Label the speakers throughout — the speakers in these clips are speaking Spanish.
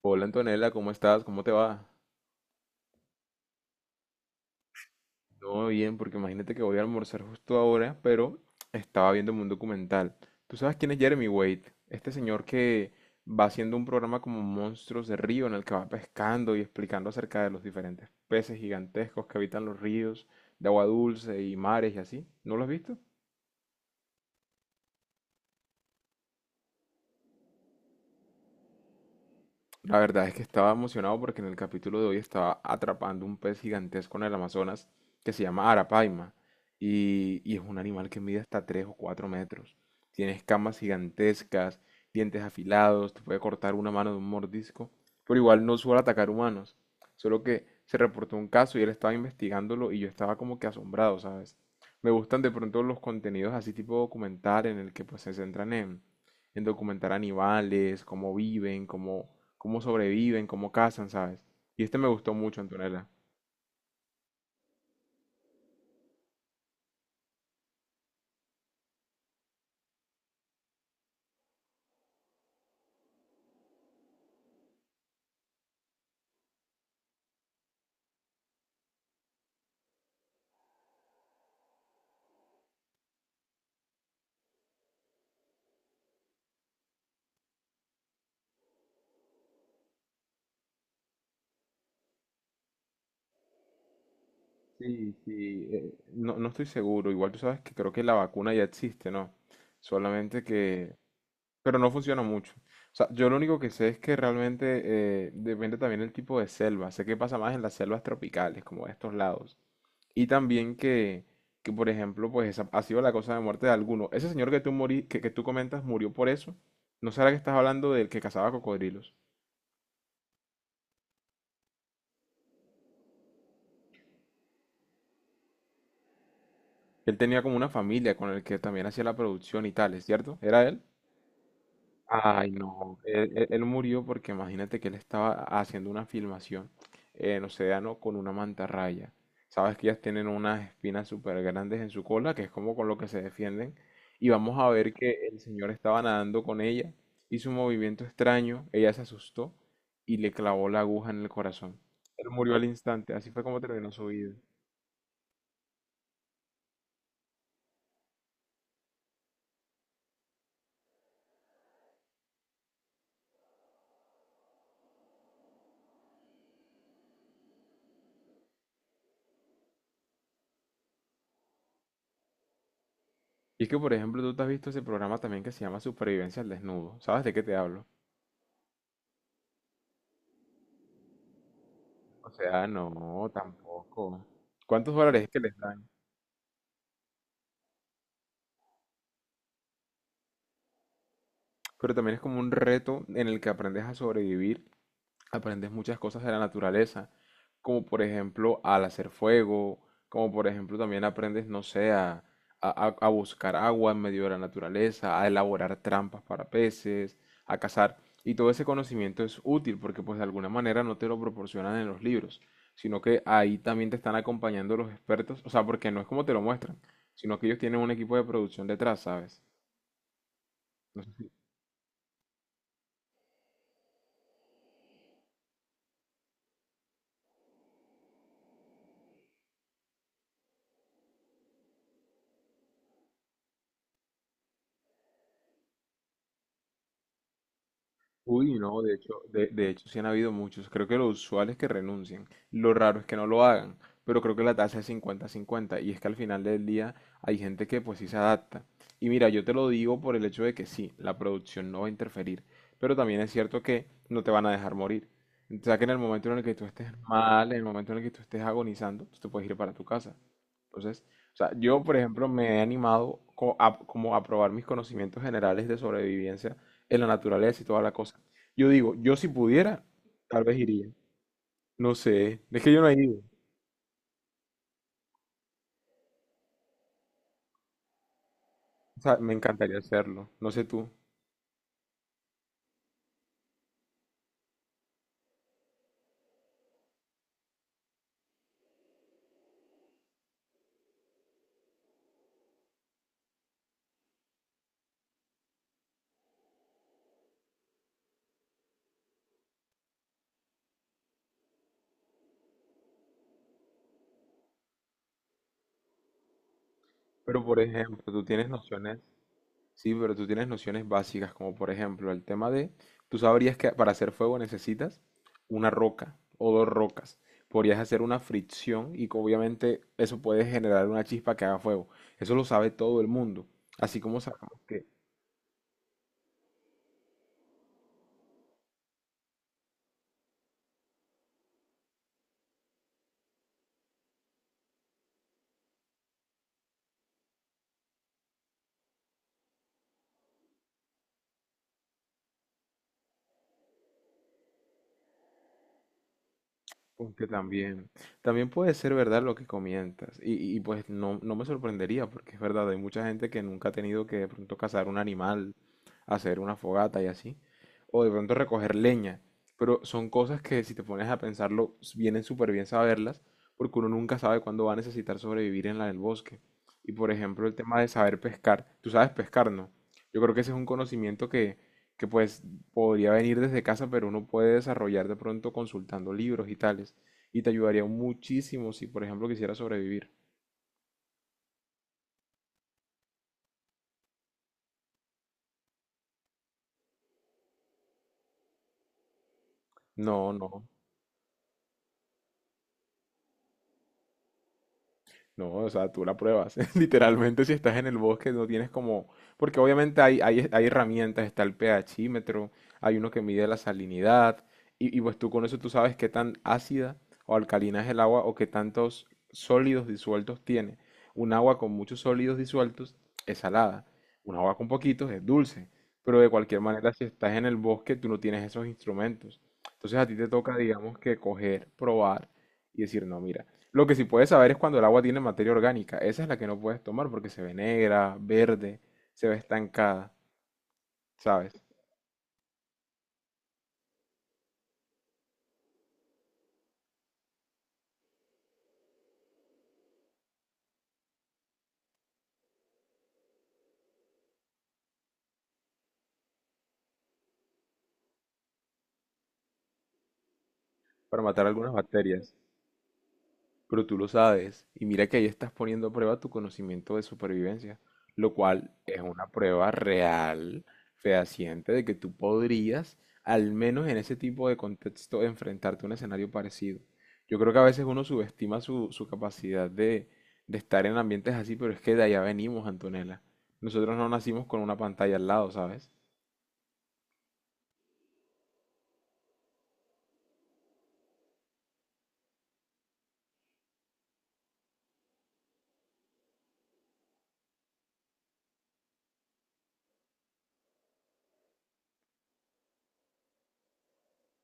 Speaker 1: Hola Antonella, ¿cómo estás? ¿Cómo te va? No, bien, porque imagínate que voy a almorzar justo ahora, pero estaba viéndome un documental. ¿Tú sabes quién es Jeremy Wade? Este señor que va haciendo un programa como Monstruos de Río en el que va pescando y explicando acerca de los diferentes peces gigantescos que habitan los ríos de agua dulce y mares y así. ¿No lo has visto? La verdad es que estaba emocionado porque en el capítulo de hoy estaba atrapando un pez gigantesco en el Amazonas que se llama arapaima y es un animal que mide hasta 3 o 4 metros. Tiene escamas gigantescas, dientes afilados, te puede cortar una mano de un mordisco, pero igual no suele atacar humanos. Solo que se reportó un caso y él estaba investigándolo y yo estaba como que asombrado, ¿sabes? Me gustan de pronto los contenidos así tipo documental en el que pues se centran en documentar animales, cómo viven, cómo sobreviven, cómo cazan, ¿sabes? Y este me gustó mucho, Antonella. Sí, sí, no, no estoy seguro. Igual tú sabes que creo que la vacuna ya existe, ¿no? Solamente que... Pero no funciona mucho. O sea, yo lo único que sé es que realmente depende también del tipo de selva. Sé que pasa más en las selvas tropicales, como de estos lados. Y también que, por ejemplo, pues esa ha sido la causa de muerte de alguno. Ese señor que tú, que tú comentas murió por eso. ¿No será que estás hablando del que cazaba cocodrilos? Él tenía como una familia con el que también hacía la producción y tales, ¿cierto? ¿Era él? Ay, no, él murió porque imagínate que él estaba haciendo una filmación en Océano con una mantarraya. Sabes que ellas tienen unas espinas súper grandes en su cola, que es como con lo que se defienden. Y vamos a ver que el señor estaba nadando con ella, hizo un movimiento extraño, ella se asustó y le clavó la aguja en el corazón. Él murió al instante, así fue como terminó su vida. Y es que, por ejemplo, tú te has visto ese programa también que se llama Supervivencia al Desnudo. ¿Sabes de qué te hablo? O sea, no, tampoco. ¿Cuántos dólares es que les dan? Pero también es como un reto en el que aprendes a sobrevivir, aprendes muchas cosas de la naturaleza, como por ejemplo al hacer fuego, como por ejemplo también aprendes, no sé, buscar agua en medio de la naturaleza, a elaborar trampas para peces, a cazar. Y todo ese conocimiento es útil porque pues de alguna manera no te lo proporcionan en los libros, sino que ahí también te están acompañando los expertos, o sea, porque no es como te lo muestran, sino que ellos tienen un equipo de producción detrás, ¿sabes? No. Uy, no, de hecho, de hecho sí han habido muchos. Creo que lo usual es que renuncien. Lo raro es que no lo hagan. Pero creo que la tasa es 50 cincuenta. Y es que al final del día hay gente que pues sí se adapta. Y mira, yo te lo digo por el hecho de que sí, la producción no va a interferir. Pero también es cierto que no te van a dejar morir. O sea que en el momento en el que tú estés mal, en el momento en el que tú estés agonizando, tú te puedes ir para tu casa. Entonces, o sea, yo por ejemplo me he animado como a probar mis conocimientos generales de sobrevivencia en la naturaleza y toda la cosa. Yo digo, yo si pudiera, tal vez iría. No sé, es que yo no he ido. O sea, me encantaría hacerlo, no sé tú. Pero por ejemplo, tú tienes nociones, sí, pero tú tienes nociones básicas, como por ejemplo el tema de, tú sabrías que para hacer fuego necesitas una roca o dos rocas. Podrías hacer una fricción y que obviamente eso puede generar una chispa que haga fuego. Eso lo sabe todo el mundo. Así como sabemos que... Porque también, también puede ser verdad lo que comentas. Y pues no, no me sorprendería, porque es verdad, hay mucha gente que nunca ha tenido que de pronto cazar un animal, hacer una fogata y así, o de pronto recoger leña. Pero son cosas que si te pones a pensarlo, vienen súper bien saberlas, porque uno nunca sabe cuándo va a necesitar sobrevivir en la del bosque. Y por ejemplo, el tema de saber pescar. Tú sabes pescar, ¿no? Yo creo que ese es un conocimiento que pues podría venir desde casa, pero uno puede desarrollar de pronto consultando libros y tales. Y te ayudaría muchísimo si, por ejemplo, quisieras sobrevivir. No, no. No, o sea, tú la pruebas. Literalmente, si estás en el bosque, no tienes como. Porque obviamente hay herramientas, está el pHímetro, hay uno que mide la salinidad, y pues tú con eso tú sabes qué tan ácida o alcalina es el agua o qué tantos sólidos disueltos tiene. Un agua con muchos sólidos disueltos es salada, un agua con poquitos es dulce, pero de cualquier manera, si estás en el bosque, tú no tienes esos instrumentos. Entonces a ti te toca, digamos, que coger, probar y decir, no, mira, lo que sí puedes saber es cuando el agua tiene materia orgánica. Esa es la que no puedes tomar porque se ve negra, verde, se ve estancada, ¿sabes? Para matar algunas bacterias. Pero tú lo sabes. Y mira que ahí estás poniendo a prueba tu conocimiento de supervivencia, lo cual es una prueba real, fehaciente, de que tú podrías, al menos en ese tipo de contexto, enfrentarte a un escenario parecido. Yo creo que a veces uno subestima su capacidad de estar en ambientes así, pero es que de allá venimos, Antonella. Nosotros no nacimos con una pantalla al lado, ¿sabes?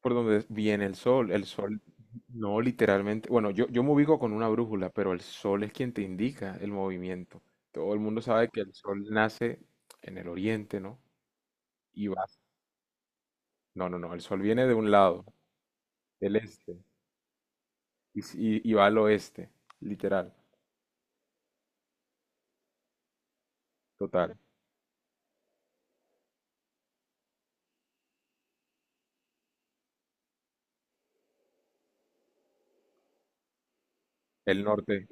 Speaker 1: Por donde viene el sol. El sol, no literalmente. Bueno, yo me ubico con una brújula, pero el sol es quien te indica el movimiento. Todo el mundo sabe que el sol nace en el oriente, ¿no? Y va. No, no, no. El sol viene de un lado, del este, y va al oeste, literal, total. El norte.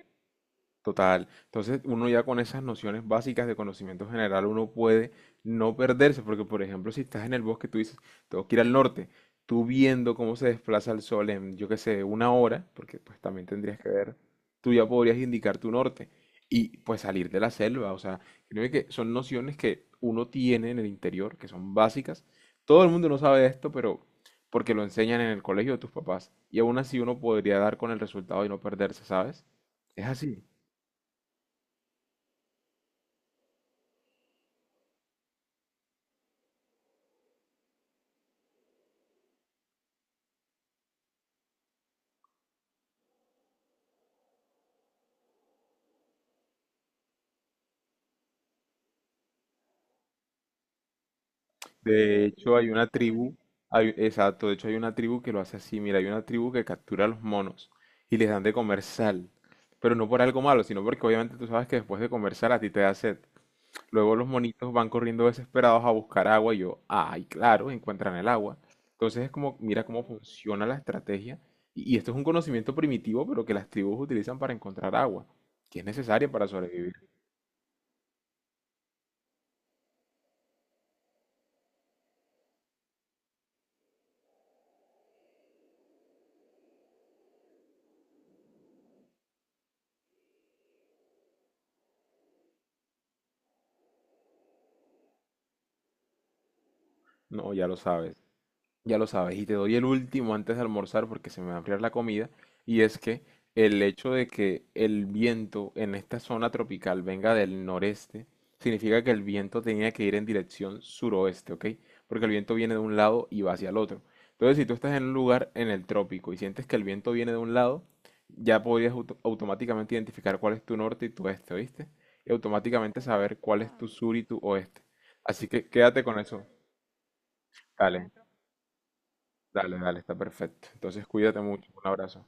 Speaker 1: Total. Entonces, uno ya con esas nociones básicas de conocimiento general, uno puede no perderse, porque por ejemplo, si estás en el bosque, tú dices, tengo que ir al norte, tú viendo cómo se desplaza el sol en, yo qué sé, una hora, porque pues también tendrías que ver, tú ya podrías indicar tu norte y pues salir de la selva. O sea, creo que son nociones que uno tiene en el interior, que son básicas. Todo el mundo no sabe esto, pero porque lo enseñan en el colegio de tus papás. Y aún así uno podría dar con el resultado y no perderse, ¿sabes? Es así. De hecho, hay una tribu, exacto, de hecho hay una tribu que lo hace así. Mira, hay una tribu que captura a los monos y les dan de comer sal. Pero no por algo malo, sino porque obviamente tú sabes que después de comer sal a ti te da sed. Luego los monitos van corriendo desesperados a buscar agua y yo, ay, claro, encuentran el agua. Entonces es como, mira cómo funciona la estrategia. Y esto es un conocimiento primitivo, pero que las tribus utilizan para encontrar agua, que es necesaria para sobrevivir. No, ya lo sabes. Ya lo sabes, y te doy el último antes de almorzar porque se me va a enfriar la comida, y es que el hecho de que el viento en esta zona tropical venga del noreste, significa que el viento tenía que ir en dirección suroeste, ¿ok? Porque el viento viene de un lado y va hacia el otro. Entonces, si tú estás en un lugar en el trópico y sientes que el viento viene de un lado, ya podrías automáticamente identificar cuál es tu norte y tu este, ¿oíste? Y automáticamente saber cuál es, tu sur y tu oeste. Así que quédate con eso. Dale. Dale, dale, está perfecto. Entonces cuídate mucho. Un abrazo.